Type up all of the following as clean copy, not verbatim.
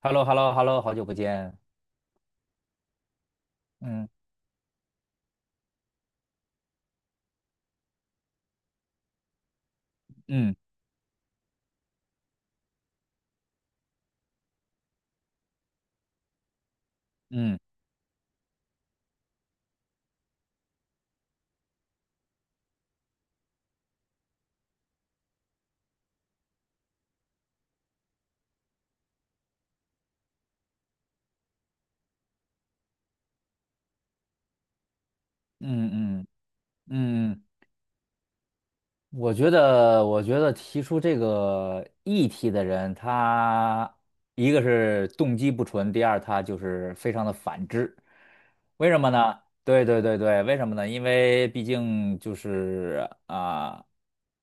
h e l l o h e l l o h e l l o 好久不见。嗯嗯嗯嗯嗯嗯，我觉得提出这个议题的人，他一个是动机不纯，第二他就是非常的反智。为什么呢？对对对对，为什么呢？因为毕竟就是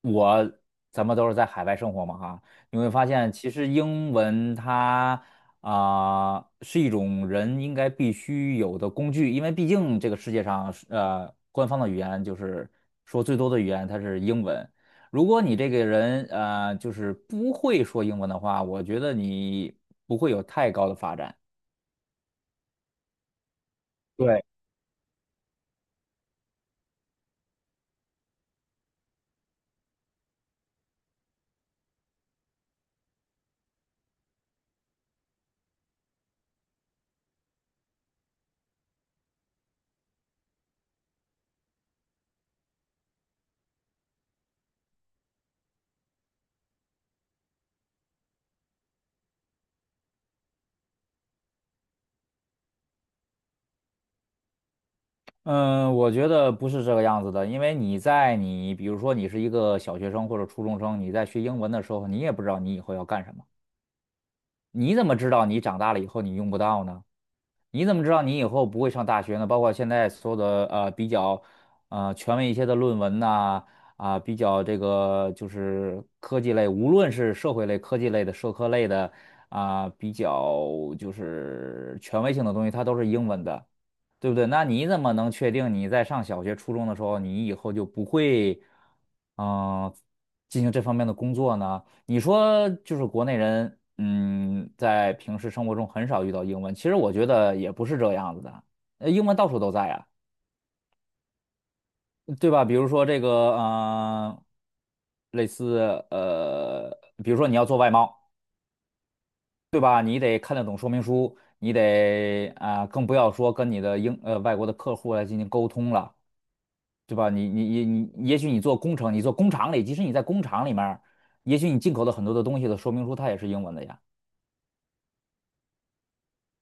我咱们都是在海外生活嘛哈，你会发现其实英文它，是一种人应该必须有的工具，因为毕竟这个世界上官方的语言就是说最多的语言它是英文。如果你这个人就是不会说英文的话，我觉得你不会有太高的发展。对。嗯，我觉得不是这个样子的，因为你比如说你是一个小学生或者初中生，你在学英文的时候，你也不知道你以后要干什么，你怎么知道你长大了以后你用不到呢？你怎么知道你以后不会上大学呢？包括现在所有的比较权威一些的论文呐，啊，比较这个就是科技类，无论是社会类、科技类的、社科类的，啊，比较就是权威性的东西，它都是英文的，对不对？那你怎么能确定你在上小学、初中的时候，你以后就不会嗯、呃进行这方面的工作呢？你说就是国内人，在平时生活中很少遇到英文，其实我觉得也不是这样子的，英文到处都在呀，对吧？比如说这个，类似比如说你要做外贸，对吧？你得看得懂说明书，你得更不要说跟你的外国的客户来进行沟通了，对吧？你你你你，也许你做工程，你做工厂里，即使你在工厂里面儿也许你进口的很多的东西的说明书它也是英文的呀。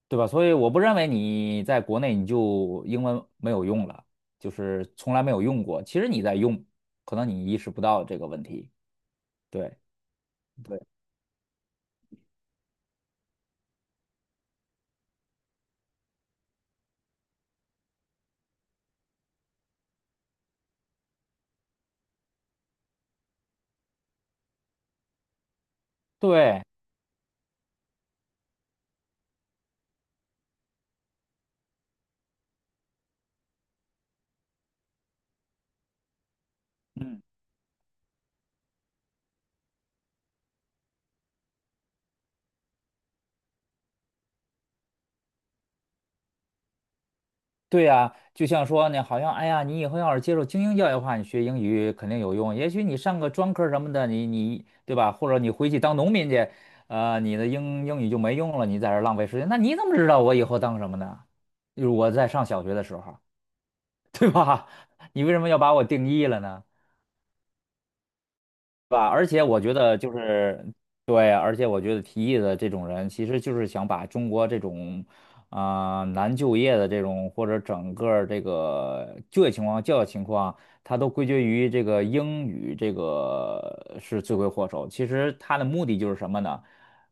对吧？所以我不认为你在国内你就英文没有用了，就是从来没有用过。其实你在用，可能你意识不到这个问题。对对，对。嗯。对呀，就像说呢，好像哎呀，你以后要是接受精英教育的话，你学英语肯定有用。也许你上个专科什么的，你对吧？或者你回去当农民去，你的英语就没用了，你在这儿浪费时间。那你怎么知道我以后当什么呢？就是我在上小学的时候，对吧？你为什么要把我定义了呢？对吧？而且我觉得就是，对，而且我觉得提议的这种人，其实就是想把中国这种难就业的这种，或者整个儿这个就业情况、教育情况，他都归结于这个英语这个是罪魁祸首。其实他的目的就是什么呢？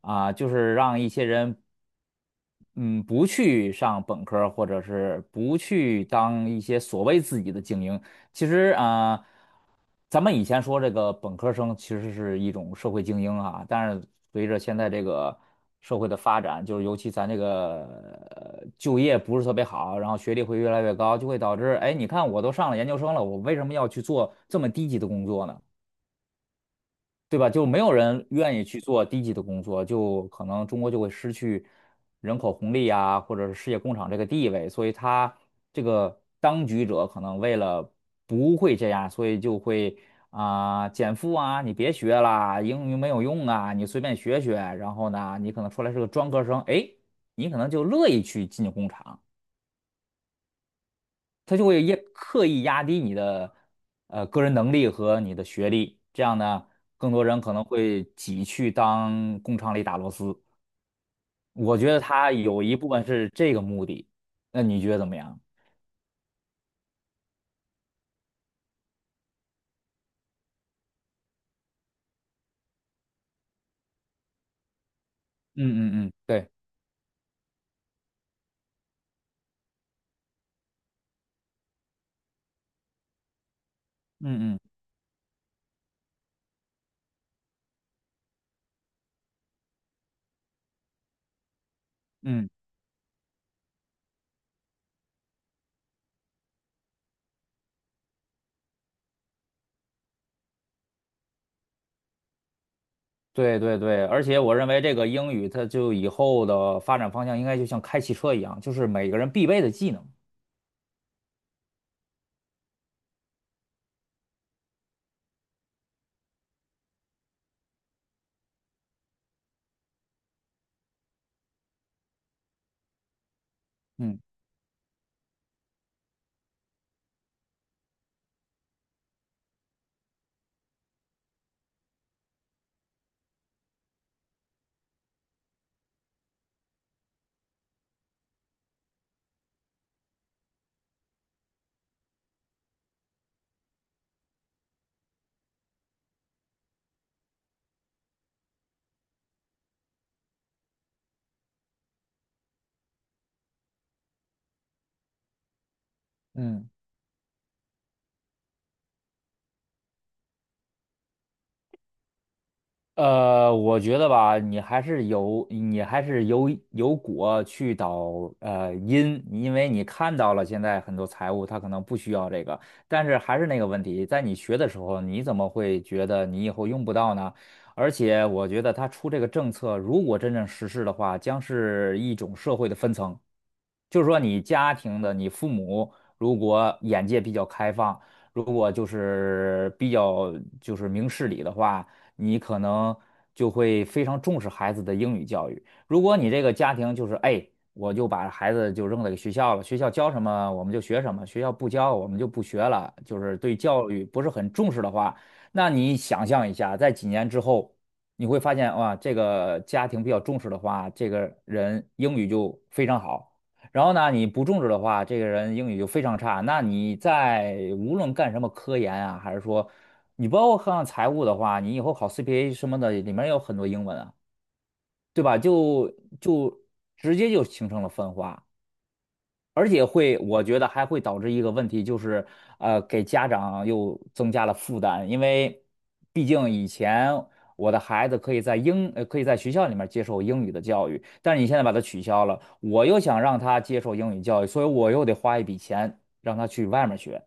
就是让一些人，嗯，不去上本科儿或者是不去当一些所谓自己的精英。其实咱们以前说这个本科生其实是一种社会精英啊，但是随着现在这个社会的发展，就是尤其咱这个就业不是特别好，然后学历会越来越高，就会导致，哎，你看我都上了研究生了，我为什么要去做这么低级的工作呢？对吧？就没有人愿意去做低级的工作，就可能中国就会失去人口红利啊，或者是世界工厂这个地位，所以他这个当局者可能为了不会这样，所以就会减负啊，你别学啦，英语没有用啊，你随便学学，然后呢，你可能出来是个专科生，哎，你可能就乐意去进工厂。他就会刻意压低你的个人能力和你的学历，这样呢，更多人可能会挤去当工厂里打螺丝。我觉得他有一部分是这个目的，那你觉得怎么样？嗯嗯嗯，对。嗯嗯嗯，对对对，而且我认为这个英语它就以后的发展方向应该就像开汽车一样，就是每个人必备的技能。嗯嗯。我觉得吧，你还是有果去导因，因为你看到了现在很多财务它可能不需要这个，但是还是那个问题，在你学的时候，你怎么会觉得你以后用不到呢？而且我觉得它出这个政策，如果真正实施的话，将是一种社会的分层，就是说你家庭的你父母如果眼界比较开放，如果就是比较就是明事理的话，你可能就会非常重视孩子的英语教育。如果你这个家庭就是，哎，我就把孩子就扔在学校了，学校教什么我们就学什么，学校不教我们就不学了，就是对教育不是很重视的话，那你想象一下，在几年之后，你会发现哇，这个家庭比较重视的话，这个人英语就非常好。然后呢，你不重视的话，这个人英语就非常差。那你在无论干什么科研啊，还是说你包括看财务的话，你以后考 CPA 什么的，里面有很多英文啊，对吧？就直接就形成了分化。而且会，我觉得还会导致一个问题，就是给家长又增加了负担，因为毕竟以前我的孩子可以在可以在学校里面接受英语的教育，但是你现在把它取消了，我又想让他接受英语教育，所以我又得花一笔钱让他去外面学。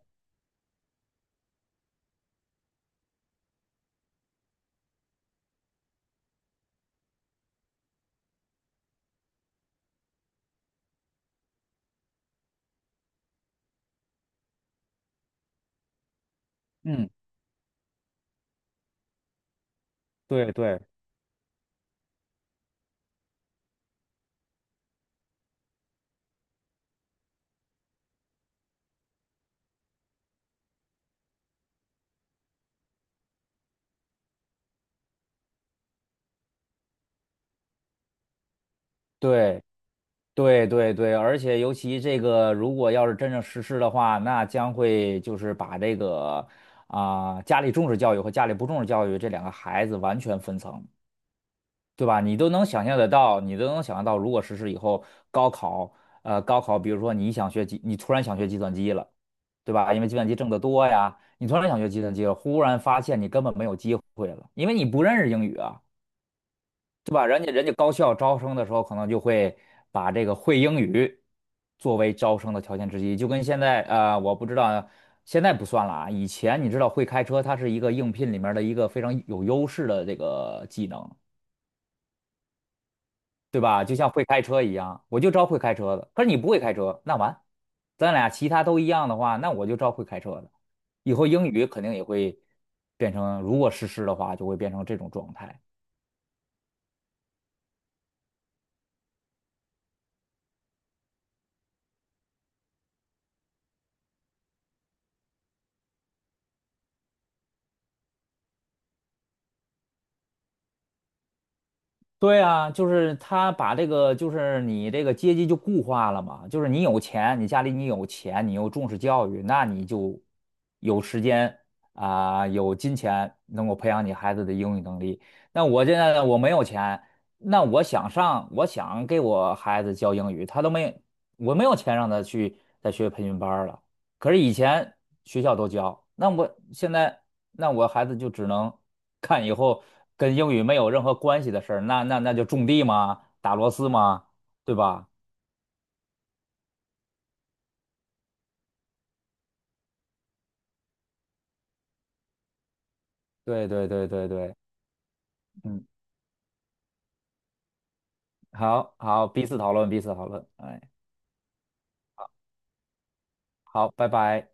嗯，对对对。对对对，而且尤其这个，如果要是真正实施的话，那将会就是把这个家里重视教育和家里不重视教育这两个孩子完全分层，对吧？你都能想象得到，你都能想象到，如果实施以后，高考，比如说你突然想学计算机了，对吧？因为计算机挣得多呀，你突然想学计算机了，忽然发现你根本没有机会了，因为你不认识英语啊。对吧？人家高校招生的时候，可能就会把这个会英语作为招生的条件之一，就跟现在我不知道现在不算了啊。以前你知道会开车，它是一个应聘里面的一个非常有优势的这个技能，对吧？就像会开车一样，我就招会开车的。可是你不会开车，那完，咱俩其他都一样的话，那我就招会开车的。以后英语肯定也会变成，如果实施的话，就会变成这种状态。对啊，就是他把这个，就是你这个阶级就固化了嘛，就是你有钱，你家里你有钱，你又重视教育，那你就有时间有金钱能够培养你孩子的英语能力。那我现在我没有钱，那我想上，我想给我孩子教英语，他都没，我没有钱让他去再学培训班儿了。可是以前学校都教，那我孩子就只能看以后跟英语没有任何关系的事儿，那就种地嘛，打螺丝嘛，对吧？对对对对对，嗯，好好，彼此讨论，彼此讨论，哎，好，拜拜。